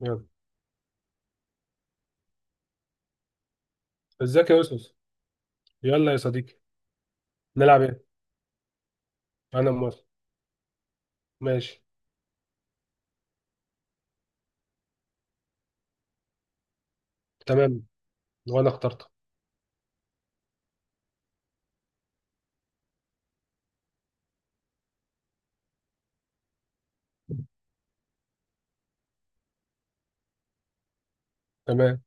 يلا. ازيك يا يوسف؟ يلا يا صديقي. نلعب ايه؟ انا موافق. ماشي. تمام. وانا اخترت. تمام.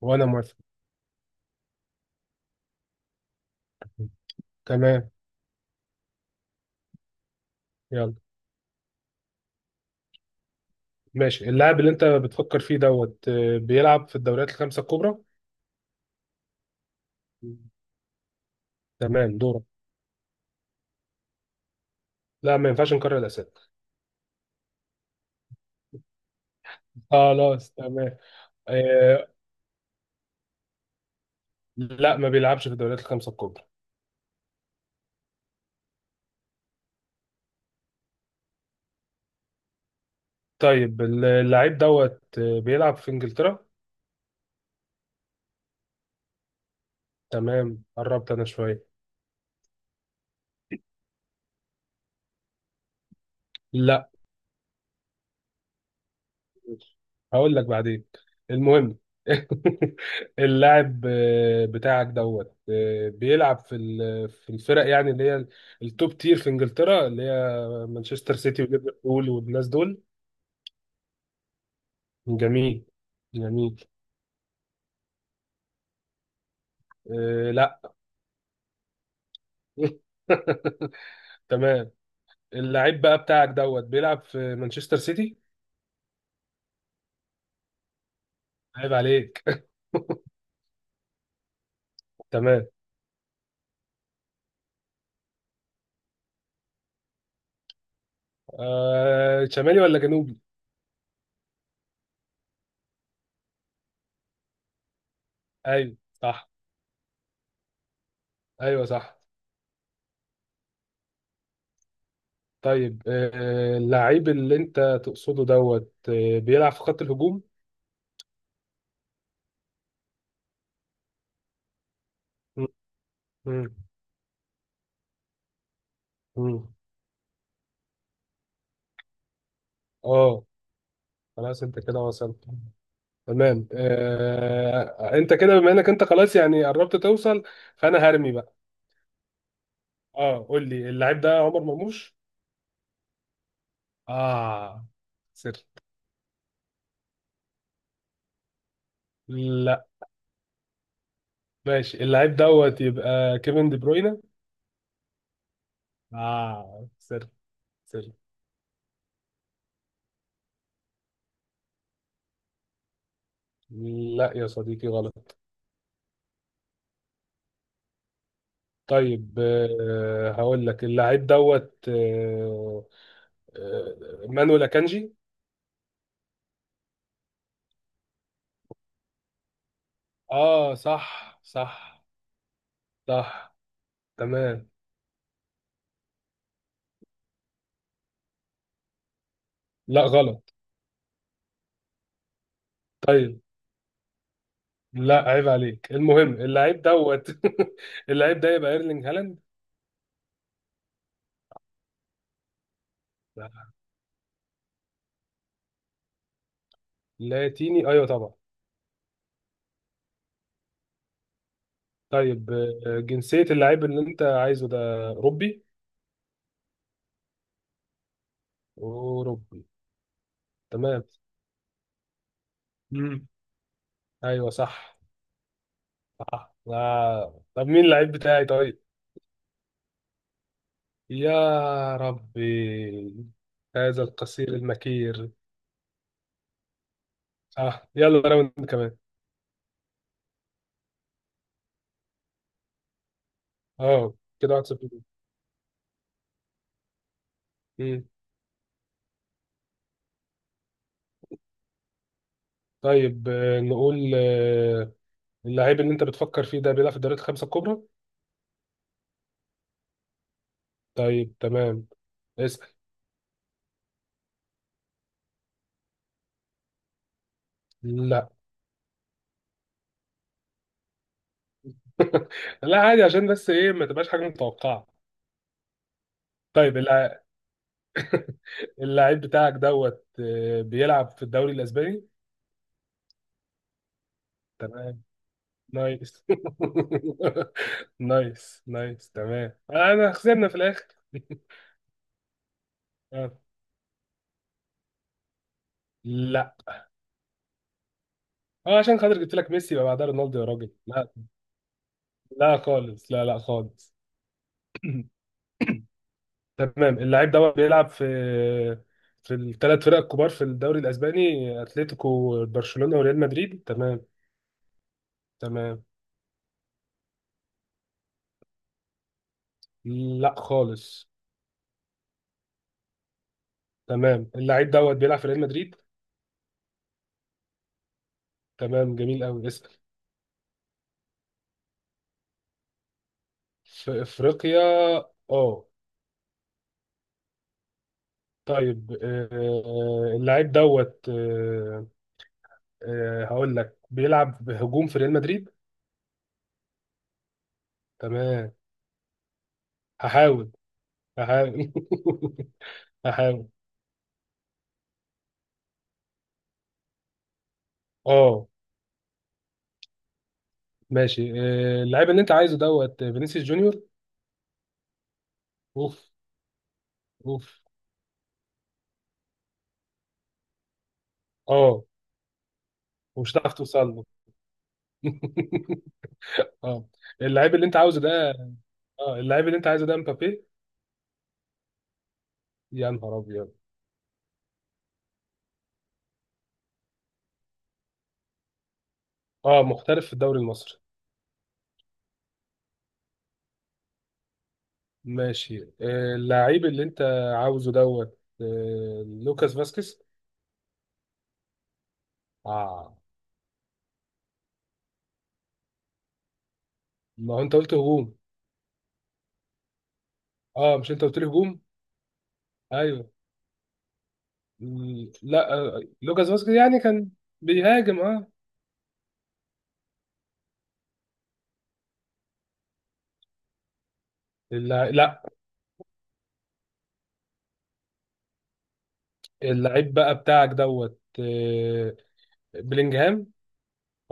وانا موافق. تمام. يلا. ماشي. اللاعب اللي انت بتفكر فيه دوت آه، بيلعب في الدوريات الخمسة الكبرى. تمام دورك. لا ما ينفعش نكرر الاسئله. خلاص تمام. آه. لا ما بيلعبش في الدوريات الخمسة الكبرى. طيب اللاعب دوت آه، بيلعب في انجلترا. تمام قربت انا شويه. لا. هقول لك بعدين. المهم. اللاعب بتاعك دوت آه، بيلعب في في الفرق يعني اللي هي التوب تير في انجلترا اللي هي مانشستر سيتي وليفربول والناس دول. جميل جميل. لا تمام اللاعب بقى بتاعك بيلعب في مانشستر سيتي. عيب عليك. تمام. شمالي ولا جنوبي؟ ايوه صح. ايوه صح. طيب اللعيب اللي انت تقصده دوت آه، بيلعب في خط الهجوم. مم، مم، مم. اه. خلاص انت كده وصلت. تمام انت كده بما انك انت خلاص يعني قربت توصل فانا هرمي بقى. اه قول لي اللعيب ده عمر مرموش. اه سر. لا ماشي اللعيب يبقى كيفن دي بروينا. اه سر سر. لا يا صديقي غلط. طيب هقول لك اللعيب دوت آه، آه، مانويل اكانجي. اه صح صح صح تمام. لا غلط. طيب لا عيب عليك المهم اللعيب اللعيب ده يبقى ايرلينج هالاند. لا. لاتيني ايوه طبعا. طيب جنسية اللعيب اللي انت عايزه ده اوروبي؟ اوروبي. تمام. مم. ايوه صح. صح. طب مين اللعيب بتاعي طيب؟ يا ربي. هذا القصير المكير. اه يلا راوند كمان. اه كده 1-0. امم طيب نقول اللعيب اللي انت بتفكر فيه ده بيلعب في الدوريات الخمسه الكبرى. طيب تمام. اسال. لا. لا عادي عشان بس ايه ما تبقاش حاجه متوقعه. طيب اللعيب بتاعك دوت آه، بيلعب في الدوري الاسباني. تمام نايس. نايس نايس تمام انا خسرنا في الاخر. آه، لا اه عشان خاطر جبت لك ميسي يبقى بعدها رونالدو يا راجل لا. لا خالص لا لا خالص. تمام اللاعب ده بيلعب في الثلاث فرق الكبار في الدوري الاسباني اتلتيكو برشلونة وريال مدريد تمام. تمام لا خالص. تمام اللاعب بيلعب في ريال مدريد. تمام جميل قوي اسأل. في افريقيا اه. طيب اللاعب دوت آه، آه، هقول لك بيلعب بهجوم في ريال مدريد. تمام هحاول هحاول هحاول. اه ماشي اللاعب اللي انت عايزه فينيسيوس جونيور. اوف اوف اه. ومش هتعرف توصل له. اه اللعيب اللي انت عاوزه ده اه اللعيب اللي انت عايزه ده مبابي. يا نهار ابيض. اه محترف في الدوري المصري. ماشي اللعيب اللي انت عاوزه دوت آه، لوكاس فاسكيز. اه ما هو انت قلت هجوم. اه مش انت قلت لي هجوم. ايوه. لا لوكاس فاسكيز يعني كان. بيهاجم اه. لا اللعيب بقى بتاعك دوت آه، بلينجهام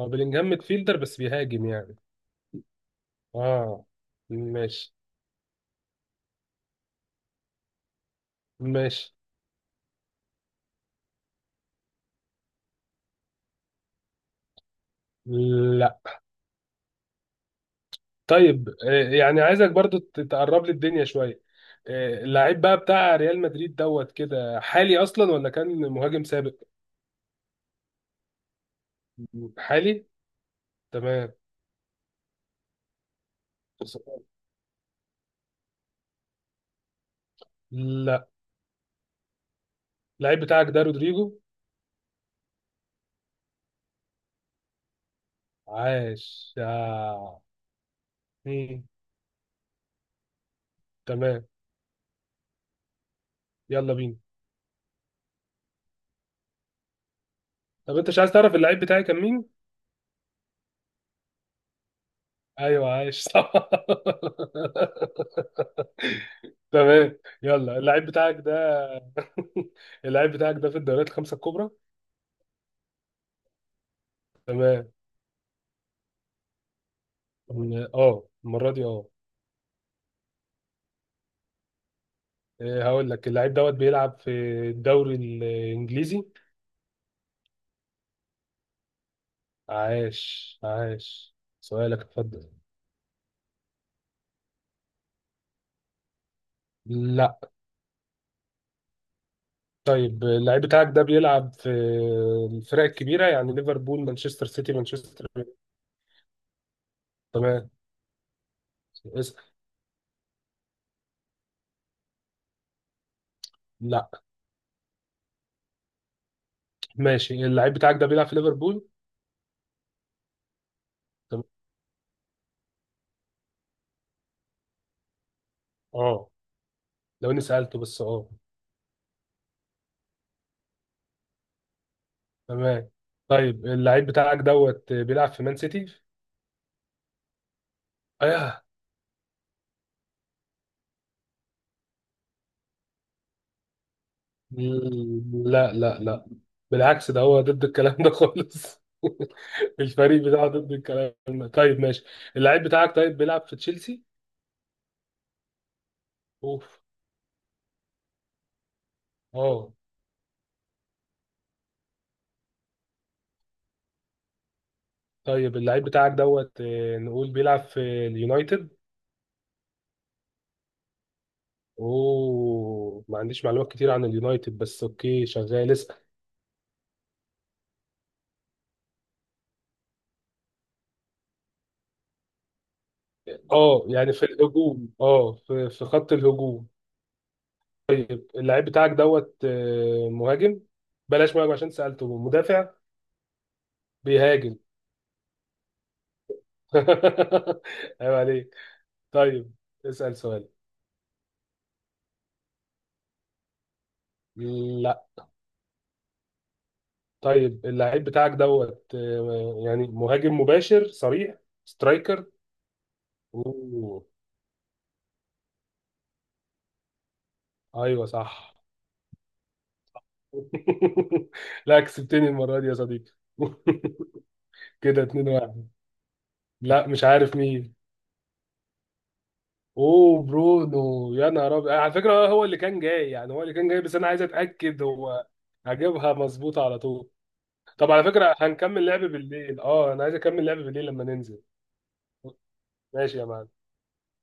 هو بلينجهام ميدفيلدر بس بيهاجم يعني. اه. ماشي ماشي. لا. طيب يعني عايزك برضو تقرب لي الدنيا شوية. اللعيب بقى بتاع ريال مدريد كده حالي اصلا ولا كان مهاجم سابق؟ حالي. تمام. لا اللعيب بتاعك ده رودريجو. عاش. مم. تمام. يلا بينا. طب انت مش عايز تعرف اللعيب بتاعي كان مين؟ ايوه عايش صح. تمام. يلا اللعيب بتاعك ده اللعيب بتاعك ده في الدوريات الخمسة الكبرى. تمام. اه المره دي اه. إيه، هقول لك اللعيب بيلعب في الدوري الانجليزي. عاش عاش. سؤالك اتفضل. لا. طيب اللعيب بتاعك ده بيلعب في الفرق الكبيره يعني ليفربول مانشستر سيتي مانشستر. تمام. اسأل. لا. ماشي اللعيب بتاعك ده بيلعب في ليفربول. تمام اه. لو اني سالته بس اه. تمام. طيب اللعيب بتاعك بيلعب في مان سيتي. ايوه. مم، لا لا لا. بالعكس ده هو ضد الكلام ده خالص. الفريق بتاعه ضد الكلام ده طيب ماشي. اللعيب بتاعك طيب بيلعب في تشيلسي. اوف. اه. طيب اللعيب بتاعك دوت آه، نقول بيلعب في اليونايتد. اوه ما عنديش معلومات كتير عن اليونايتد بس اوكي شغال اسال. اه يعني في الهجوم اه في خط الهجوم. طيب اللعيب بتاعك دوت آه، مهاجم بلاش مهاجم عشان سألته مدافع. بيهاجم. عيب عليك. طيب اسأل سؤال. لا. طيب اللعيب بتاعك دوت آه، يعني مهاجم مباشر صريح سترايكر. اوه. ايوه صح. لا كسبتني المرة دي يا صديقي. كده 2-1. لا مش عارف مين. اوه برونو يا نهار ابيض على فكرة هو اللي كان جاي يعني هو اللي كان جاي بس انا عايز اتأكد هو. هجيبها مظبوطة على طول. طب على فكرة هنكمل لعب بالليل اه انا عايز اكمل لعب بالليل لما ننزل. ماشي يا معلم.